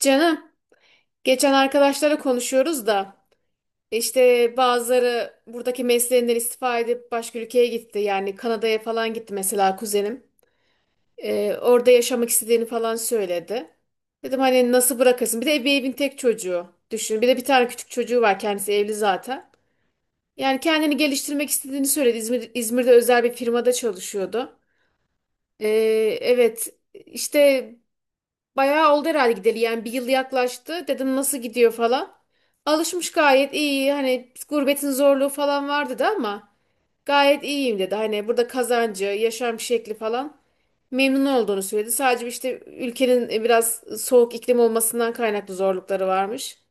Canım, geçen arkadaşlarla konuşuyoruz da işte bazıları buradaki mesleğinden istifa edip başka ülkeye gitti. Yani Kanada'ya falan gitti mesela kuzenim. Orada yaşamak istediğini falan söyledi. Dedim hani nasıl bırakırsın? Bir de bir evin tek çocuğu düşün. Bir de bir tane küçük çocuğu var, kendisi evli zaten. Yani kendini geliştirmek istediğini söyledi. İzmir'de özel bir firmada çalışıyordu. Ee, evet, işte bayağı oldu herhalde gideli, yani bir yıl yaklaştı. Dedim nasıl gidiyor falan. Alışmış, gayet iyi. Hani gurbetin zorluğu falan vardı da ama gayet iyiyim dedi. Hani burada kazancı, yaşam şekli falan, memnun olduğunu söyledi. Sadece işte ülkenin biraz soğuk iklim olmasından kaynaklı zorlukları varmış.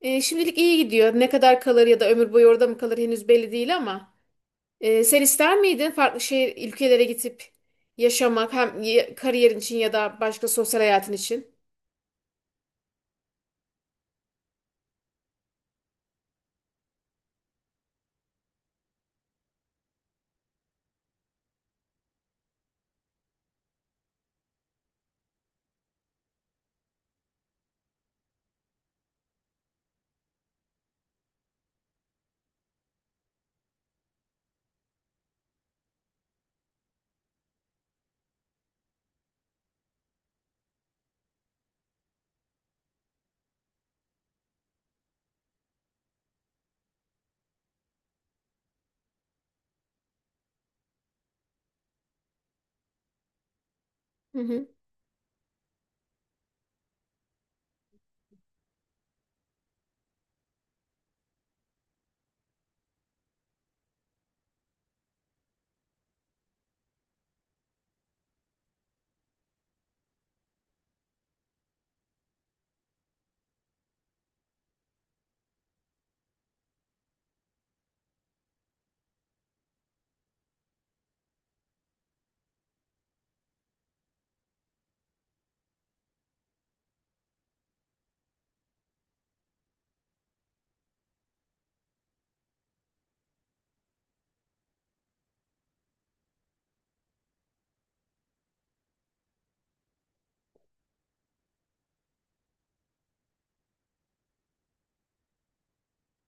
Şimdilik iyi gidiyor. Ne kadar kalır ya da ömür boyu orada mı kalır henüz belli değil ama. Sen ister miydin farklı şehir ülkelere gidip yaşamak hem kariyerin için ya da başka sosyal hayatın için? Hı hı.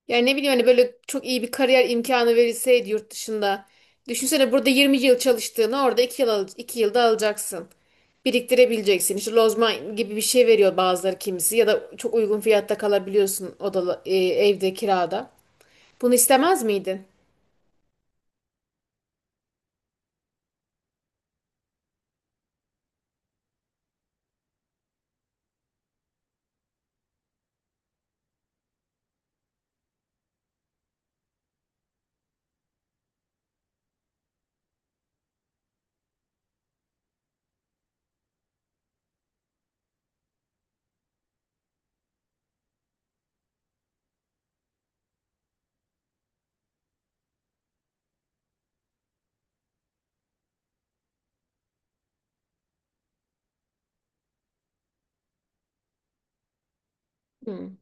Yani ne bileyim hani böyle çok iyi bir kariyer imkanı verilseydi yurt dışında. Düşünsene burada 20 yıl çalıştığını orada iki yılda alacaksın. Biriktirebileceksin. İşte lozman gibi bir şey veriyor bazıları, kimisi ya da çok uygun fiyatta kalabiliyorsun odalı evde kirada. Bunu istemez miydin? Hmm.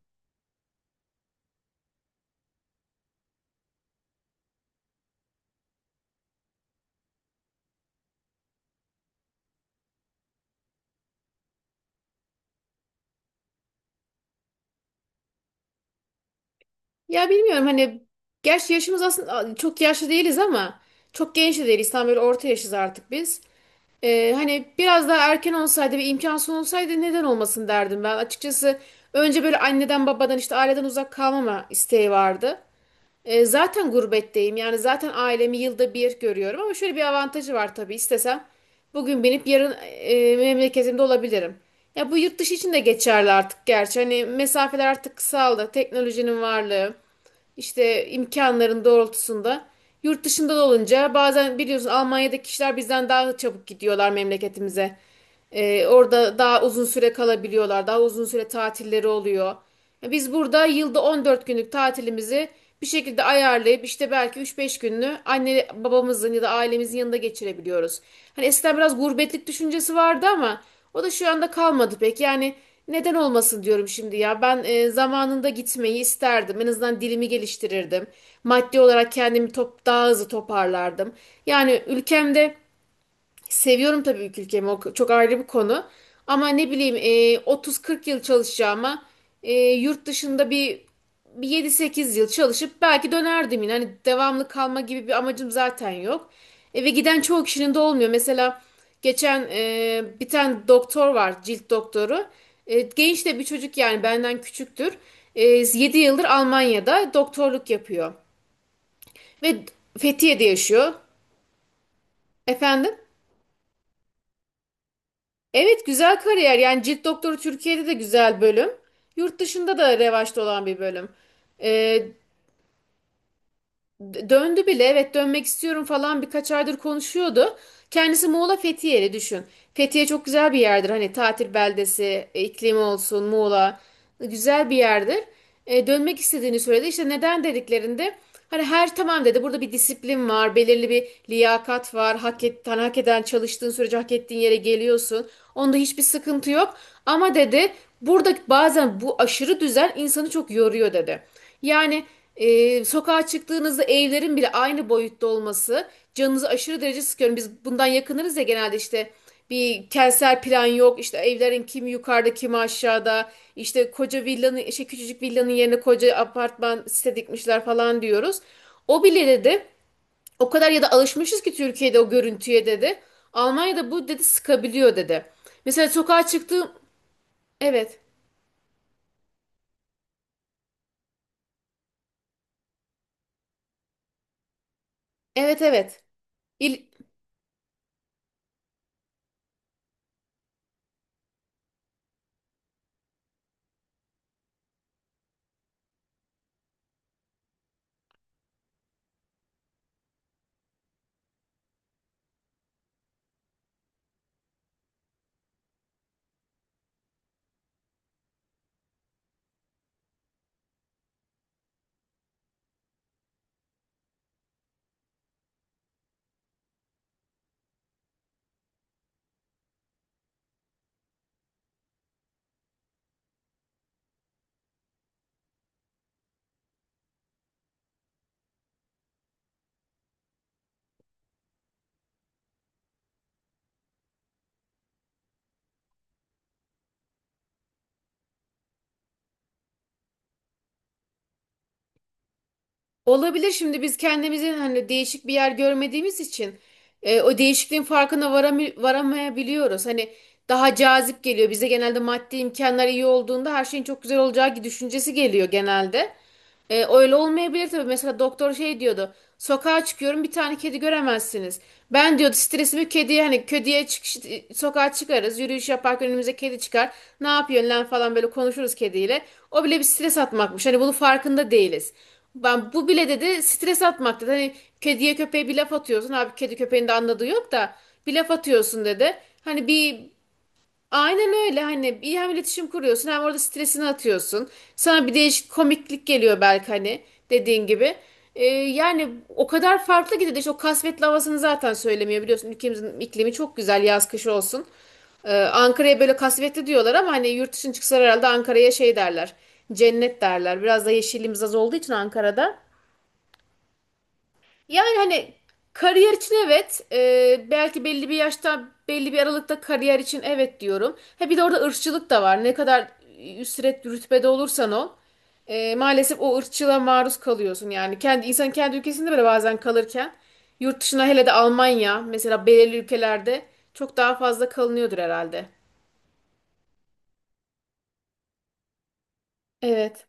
Ya bilmiyorum hani, gerçi yaşımız aslında çok yaşlı değiliz ama çok genç de değiliz. Tam böyle orta yaşız artık biz. Hani biraz daha erken olsaydı ve imkansız olsaydı neden olmasın derdim ben. Açıkçası önce böyle anneden babadan işte aileden uzak kalmama isteği vardı. Zaten gurbetteyim. Yani zaten ailemi yılda bir görüyorum ama şöyle bir avantajı var tabii. İstesem bugün binip yarın memleketimde olabilirim. Ya bu yurt dışı için de geçerli artık gerçi. Hani mesafeler artık kısaldı. Teknolojinin varlığı, işte imkanların doğrultusunda. Yurt dışında da olunca bazen biliyorsun Almanya'daki kişiler bizden daha çabuk gidiyorlar memleketimize. Orada daha uzun süre kalabiliyorlar. Daha uzun süre tatilleri oluyor. Ya biz burada yılda 14 günlük tatilimizi bir şekilde ayarlayıp işte belki 3-5 gününü anne babamızın ya da ailemizin yanında geçirebiliyoruz. Hani eskiden biraz gurbetlik düşüncesi vardı ama o da şu anda kalmadı pek. Yani neden olmasın diyorum şimdi ya. Ben zamanında gitmeyi isterdim. En azından dilimi geliştirirdim. Maddi olarak daha hızlı toparlardım. Yani ülkemde, seviyorum tabii ilk ülkemi. O çok ayrı bir konu. Ama ne bileyim 30-40 yıl çalışacağıma yurt dışında bir 7-8 yıl çalışıp belki dönerdim yine. Hani devamlı kalma gibi bir amacım zaten yok. Ve giden çoğu kişinin de olmuyor. Mesela geçen bir tane doktor var, cilt doktoru. Genç de bir çocuk, yani benden küçüktür. 7 yıldır Almanya'da doktorluk yapıyor. Ve Fethiye'de yaşıyor. Efendim? Evet, güzel kariyer. Yani cilt doktoru Türkiye'de de güzel bölüm. Yurt dışında da revaçta olan bir bölüm. Ee, Döndü bile, evet, dönmek istiyorum falan birkaç aydır konuşuyordu. Kendisi Muğla Fethiye'li, düşün. Fethiye çok güzel bir yerdir, hani tatil beldesi, iklimi olsun, Muğla güzel bir yerdir. Dönmek istediğini söyledi. İşte neden dediklerinde hani her tamam dedi, burada bir disiplin var, belirli bir liyakat var. Hani hak eden, çalıştığın sürece hak ettiğin yere geliyorsun. Onda hiçbir sıkıntı yok. Ama dedi, burada bazen bu aşırı düzen insanı çok yoruyor dedi. Yani sokağa çıktığınızda evlerin bile aynı boyutta olması canınızı aşırı derece sıkıyorum. Biz bundan yakınırız ya genelde, işte bir kentsel plan yok. İşte evlerin kimi yukarıda kimi aşağıda. İşte koca villanın şey, küçücük villanın yerine koca apartman site dikmişler falan diyoruz. O bile dedi, o kadar ya da alışmışız ki Türkiye'de o görüntüye dedi. Almanya'da bu dedi sıkabiliyor dedi. Mesela sokağa çıktığım evet, evet, evet. İl- Olabilir, şimdi biz kendimizin hani değişik bir yer görmediğimiz için o değişikliğin varamayabiliyoruz. Hani daha cazip geliyor. Bize genelde maddi imkanlar iyi olduğunda her şeyin çok güzel olacağı düşüncesi geliyor genelde. Öyle olmayabilir tabii. Mesela doktor şey diyordu. Sokağa çıkıyorum bir tane kedi göremezsiniz. Ben diyordu stresimi kediye, sokağa çıkarız. Yürüyüş yaparken önümüze kedi çıkar. Ne yapıyorsun lan falan böyle konuşuruz kediyle. O bile bir stres atmakmış. Hani bunun farkında değiliz. Ben bu bile dedi stres atmak dedi. Hani kediye köpeğe bir laf atıyorsun. Abi kedi köpeğin de anladığı yok da bir laf atıyorsun dedi. Hani bir, aynen öyle, hani iyi, hem iletişim kuruyorsun hem orada stresini atıyorsun. Sana bir değişik komiklik geliyor belki, hani dediğin gibi. Yani o kadar farklı gidiyor. İşte o kasvetli havasını zaten söylemiyor biliyorsun. Ülkemizin iklimi çok güzel yaz kış olsun. Ankara'ya böyle kasvetli diyorlar ama hani yurt dışına çıksalar herhalde Ankara'ya şey derler. Cennet derler. Biraz da yeşilliğimiz az olduğu için Ankara'da. Yani hani kariyer için evet, belki belli bir yaşta, belli bir aralıkta kariyer için evet diyorum. He bir de orada ırkçılık da var. Ne kadar üstret rütbede olursan ol, maalesef o ırkçılığa maruz kalıyorsun. Yani kendi insan kendi ülkesinde bile bazen kalırken yurt dışına, hele de Almanya mesela, belirli ülkelerde çok daha fazla kalınıyordur herhalde. Evet.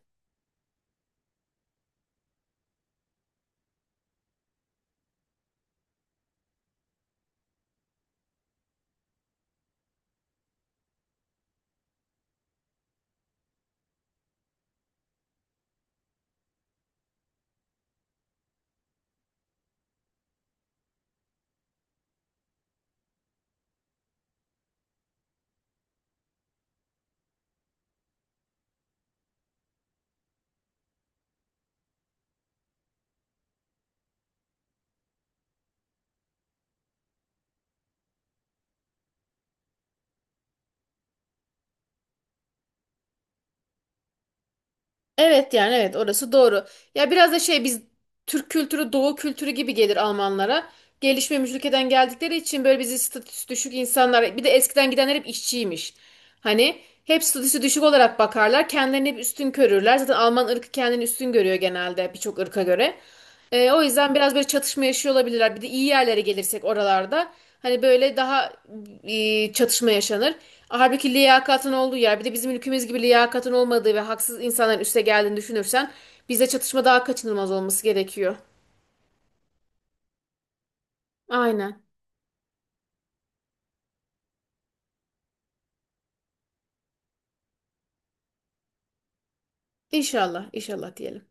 Evet, yani evet, orası doğru. Ya biraz da şey, biz Türk kültürü Doğu kültürü gibi gelir Almanlara. Gelişmemiş ülkeden geldikleri için böyle bizi statüsü düşük insanlar, bir de eskiden gidenler hep işçiymiş. Hani hep statüsü düşük olarak bakarlar. Kendilerini hep üstün görürler. Zaten Alman ırkı kendini üstün görüyor genelde birçok ırka göre. O yüzden biraz böyle çatışma yaşıyor olabilirler. Bir de iyi yerlere gelirsek oralarda hani böyle daha çatışma yaşanır. Halbuki liyakatın olduğu yer bir de bizim ülkemiz gibi liyakatın olmadığı ve haksız insanların üste geldiğini düşünürsen bize çatışma daha kaçınılmaz olması gerekiyor. Aynen. İnşallah, inşallah diyelim.